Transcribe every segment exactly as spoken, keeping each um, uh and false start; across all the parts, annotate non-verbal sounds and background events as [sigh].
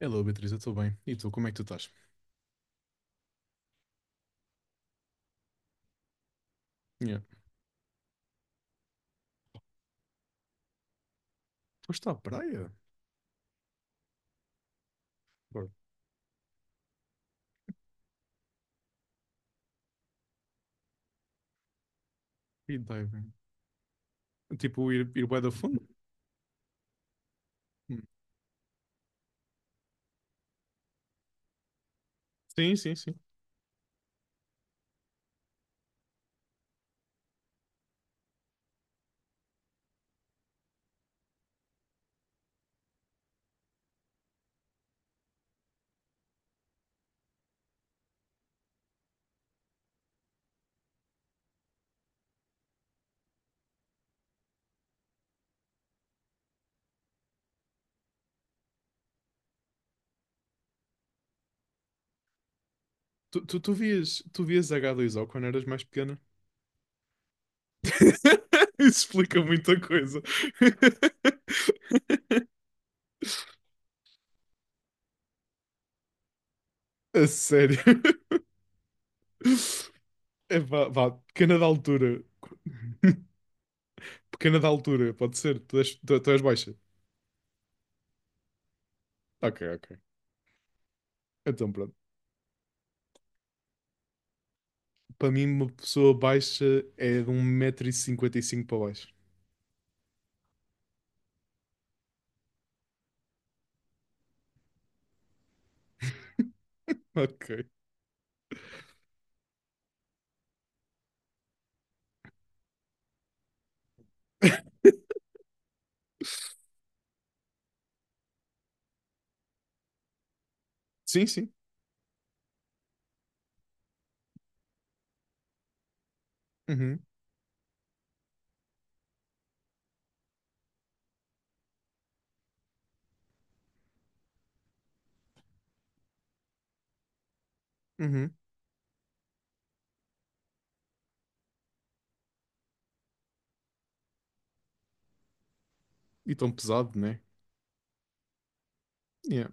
Hello, Beatriz, eu estou bem. E tu, como é que tu estás? Yeah. Foste à praia? Bro, free diving. Tipo, ir, ir bué da fundo? Hum. Sim, sim, sim. Tu, tu, tu vias, tu vias H dois O quando eras mais pequena? [laughs] Isso explica muita coisa. [laughs] A sério. É, vá, vá, pequena da altura. [laughs] Pequena da altura, pode ser. Tu és, tu, tu és baixa. Ok, ok. Então, pronto. Para mim, uma pessoa baixa é de um metro e cinquenta e cinco para baixo. Ok. Sim, sim. Uhum, uhum. E tão pesado, né? Yeah.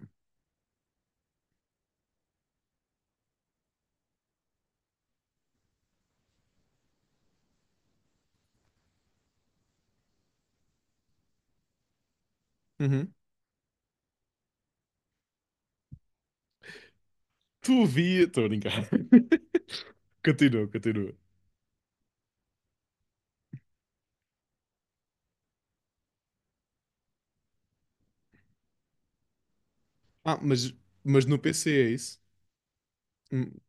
Uhum. Tu via. Estou a brincar. [laughs] Continua, continua. Ah, mas, mas no P C é isso? Hum.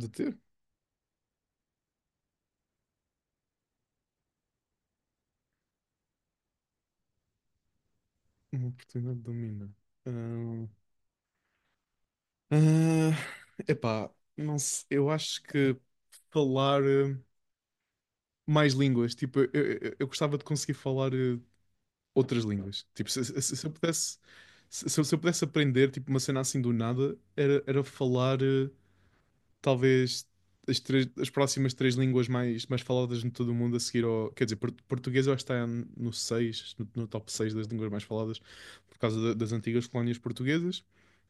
De ter uma oportunidade de dominar. Ah, ah, epá, não sei, eu acho que falar eh, mais línguas, tipo, eu, eu, eu gostava de conseguir falar eh, outras línguas. Tipo, se, se- se eu pudesse, se, se eu se eu pudesse aprender, tipo, uma cena assim do nada, era, era falar. Eh, talvez as, três- as próximas três línguas mais, mais faladas em todo o mundo a seguir ao. Quer dizer, por- português eu acho que está no seis no, no top seis das línguas mais faladas, por causa da- das antigas colónias portuguesas,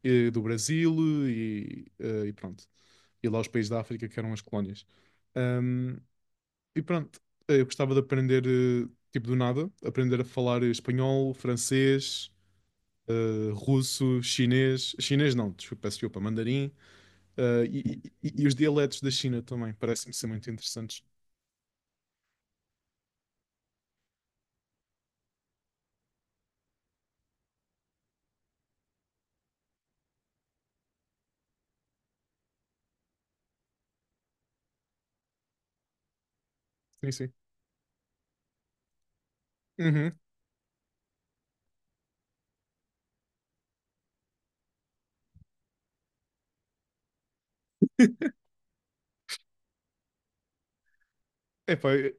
eh, do Brasil e, eh, e pronto. E lá os países da África que eram as colónias. Ahm, e pronto, eh, eu gostava de aprender, eh, tipo do nada, aprender a falar espanhol, francês, eh, russo, chinês. Chinês não, desculpa, peço desculpa, mandarim. Uh, e, e- e os dialetos da China também parecem-me ser muito interessantes. Sim, sim. Uhum. Epá, eu,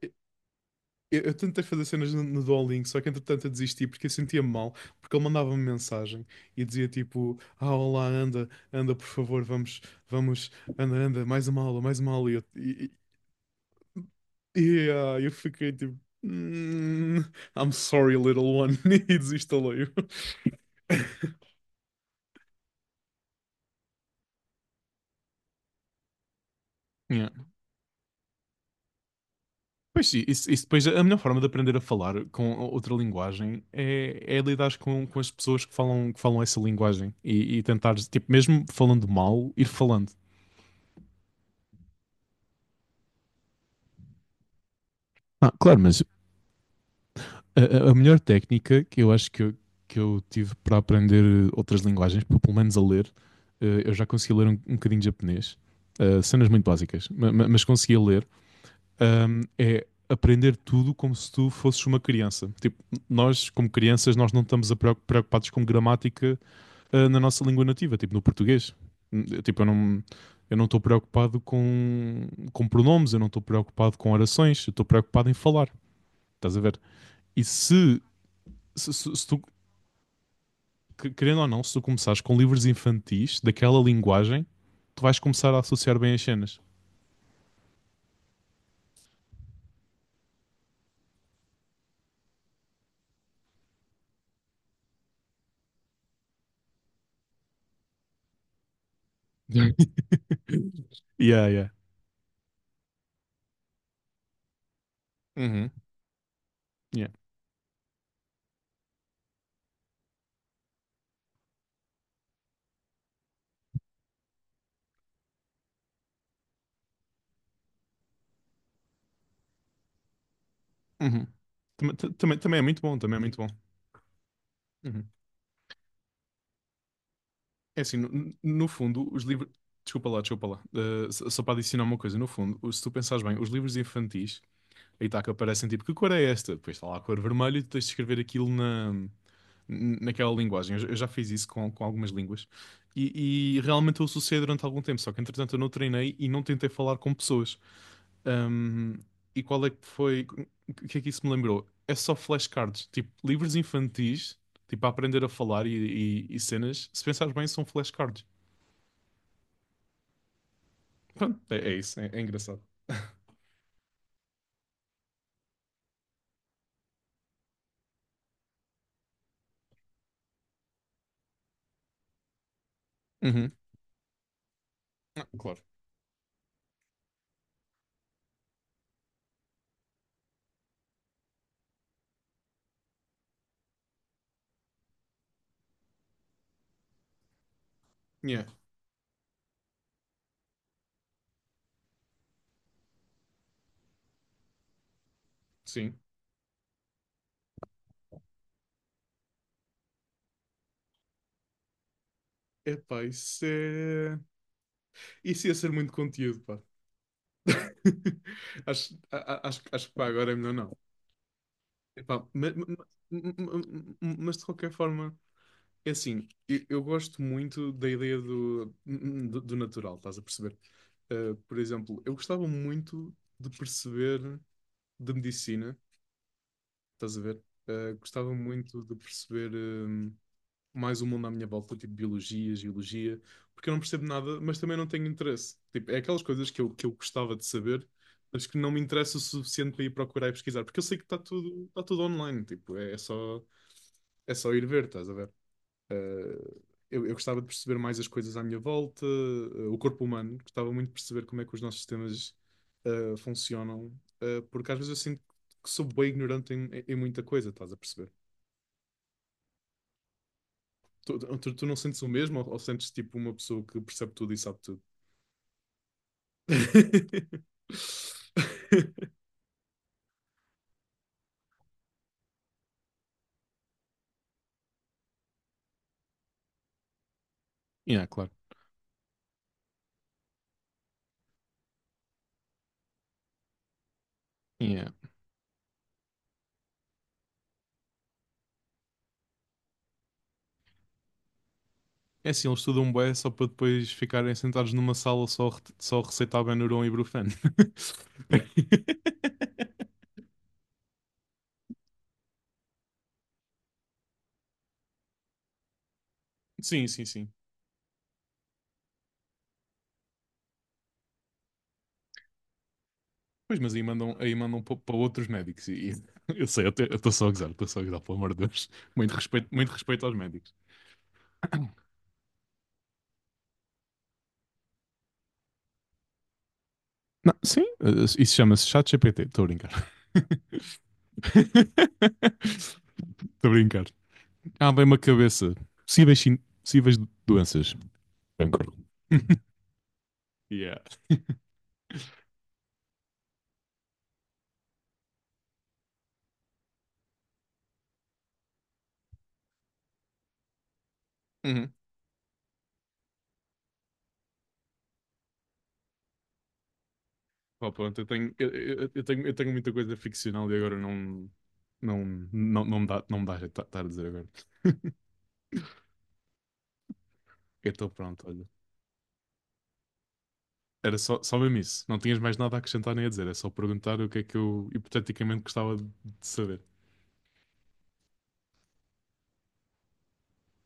eu- eu tentei fazer cenas no, no Duolingo, só que entretanto eu desisti porque eu sentia-me mal, porque ele mandava-me mensagem e dizia tipo, ah, olá, anda, anda, por favor, vamos, vamos, anda, anda, mais uma aula, mais uma aula. E eu, e- e- e, ah, eu fiquei tipo, "Hmm, I'm sorry, little one, [laughs] e desinstalei-o. [laughs] Pois sim, isso, isso depois a melhor forma de aprender a falar com outra linguagem é, é lidar com, com as pessoas que falam, que falam essa linguagem e, e tentar, tipo, mesmo falando mal, ir falando. Ah, claro, mas a, a- a melhor técnica que eu acho que eu, que eu tive para aprender outras linguagens, pelo pelo menos a ler, eh, eu já consegui ler um, um bocadinho de japonês, eh, cenas muito básicas, ma- ma- mas conseguia ler, ahm, é aprender tudo como se tu fosses uma criança. Tipo, nós, como crianças, nós não estamos a preocu- preocupados com gramática ah, na nossa língua nativa, tipo no português. Hum, Tipo, eu não eu não estou preocupado com, com pronomes, eu não estou preocupado com orações, eu estou preocupado em falar. Estás a ver? E se, se, se- se tu, querendo ou não, se tu começares com livros infantis daquela linguagem, tu vais começar a associar bem as cenas. [laughs] Yeah, yeah. Uhum, yeah. Uhum. Também, também, também é muito bom, também é muito bom. Uhum. É assim, no, no fundo, os livros. Desculpa lá, desculpa lá. Eh, só só para adicionar uma coisa, no fundo, se tu pensares bem, os livros infantis, aí está que aparecem tipo, que cor é esta? Depois está lá a cor vermelha e tu tens de escrever aquilo na, naquela linguagem. Eu, já eu já fiz isso com, com algumas línguas e, e realmente eu associei durante algum tempo, só que entretanto eu não treinei e não tentei falar com pessoas. Ahm, e qual é que foi. O que é que isso me lembrou? É só flashcards, tipo, livros infantis, tipo, a aprender a falar e, e e cenas, se pensares bem, são flashcards. Pronto, é, é isso, é, é engraçado. Uhum. Ah, claro. Yeah, sim. Epá, isso é. Isso ia ser muito conteúdo, pá. [laughs] Acho, a- a- acho, acho que pá, agora é melhor não. Epá, ma- mas, de qualquer forma, é assim, eu, eu gosto muito da ideia do, do, do natural, estás a perceber? Uh, por exemplo, eu gostava muito de perceber de medicina, estás a ver? Uh, gostava muito de perceber. Um, mais o mundo à minha volta, tipo biologia, geologia, porque eu não percebo nada, mas também não tenho interesse. Tipo, é aquelas coisas que eu, que eu gostava de saber, mas que não me interessa o suficiente para ir procurar e pesquisar, porque eu sei que está tudo, está tudo online, tipo, é, é só, é só ir ver, estás a ver? Eh, eu, eu gostava de perceber mais as coisas à minha volta, eh, o corpo humano, gostava muito de perceber como é que os nossos sistemas eh, funcionam, eh, porque às vezes eu sinto que sou bem ignorante em, em muita coisa, estás a perceber? Tu, tu, tu não sentes o mesmo ou, ou sentes tipo uma pessoa que percebe tudo e sabe tudo? [laughs] Yeah, claro. Yeah. É assim, eles estudam bué só para depois ficarem sentados numa sala só, re- só a receitar Benuron e Brufen. [laughs] Sim, sim, sim. Pois, mas aí mandam, aí mandam para, para outros médicos. E, e- [laughs] eu sei, eu estou só a gozar, estou só a gozar, pelo amor de Deus. Muito respeito, muito respeito aos médicos. Não, sim, eh, isso chama-se ChatGPT, estou a brincar. [laughs] Estou a brincar. Ah, bem uma cabeça. Possíveis, sin- possíveis doenças. Cancro. [laughs] Yeah. Uhum. Pá, pronto, eu tenho, eu, eu- eu tenho, eu tenho muita coisa ficcional e agora não, não, não, não me dá, não me dá jeito de estar a dizer agora. Então pronto, olha. Era só, só mesmo isso. Não tinhas mais nada a acrescentar nem a dizer. É só perguntar o que é que eu hipoteticamente gostava de de saber.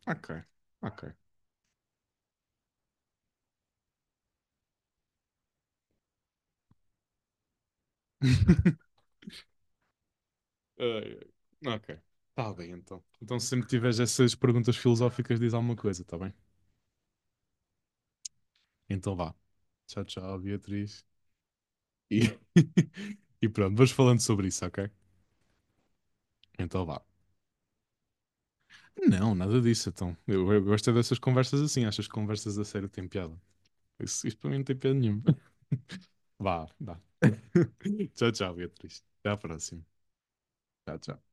Ok, ok. [laughs] Ai, ai. Ok. Tá bem, então. Então, se sempre tiveres essas perguntas filosóficas, diz alguma coisa, tá bem? Então vá. Tchau, tchau, Beatriz. E, [laughs] e pronto, vamos falando sobre isso, ok? Então vá. Não, nada disso, então. Eu, eu gosto é dessas conversas assim. Achas que conversas a sério têm piada? Isso, isso para mim não tem piada nenhuma. [laughs] Vá, vá. [laughs] Tchau, tchau, Beatriz. Até à próxima. Tchau, tchau.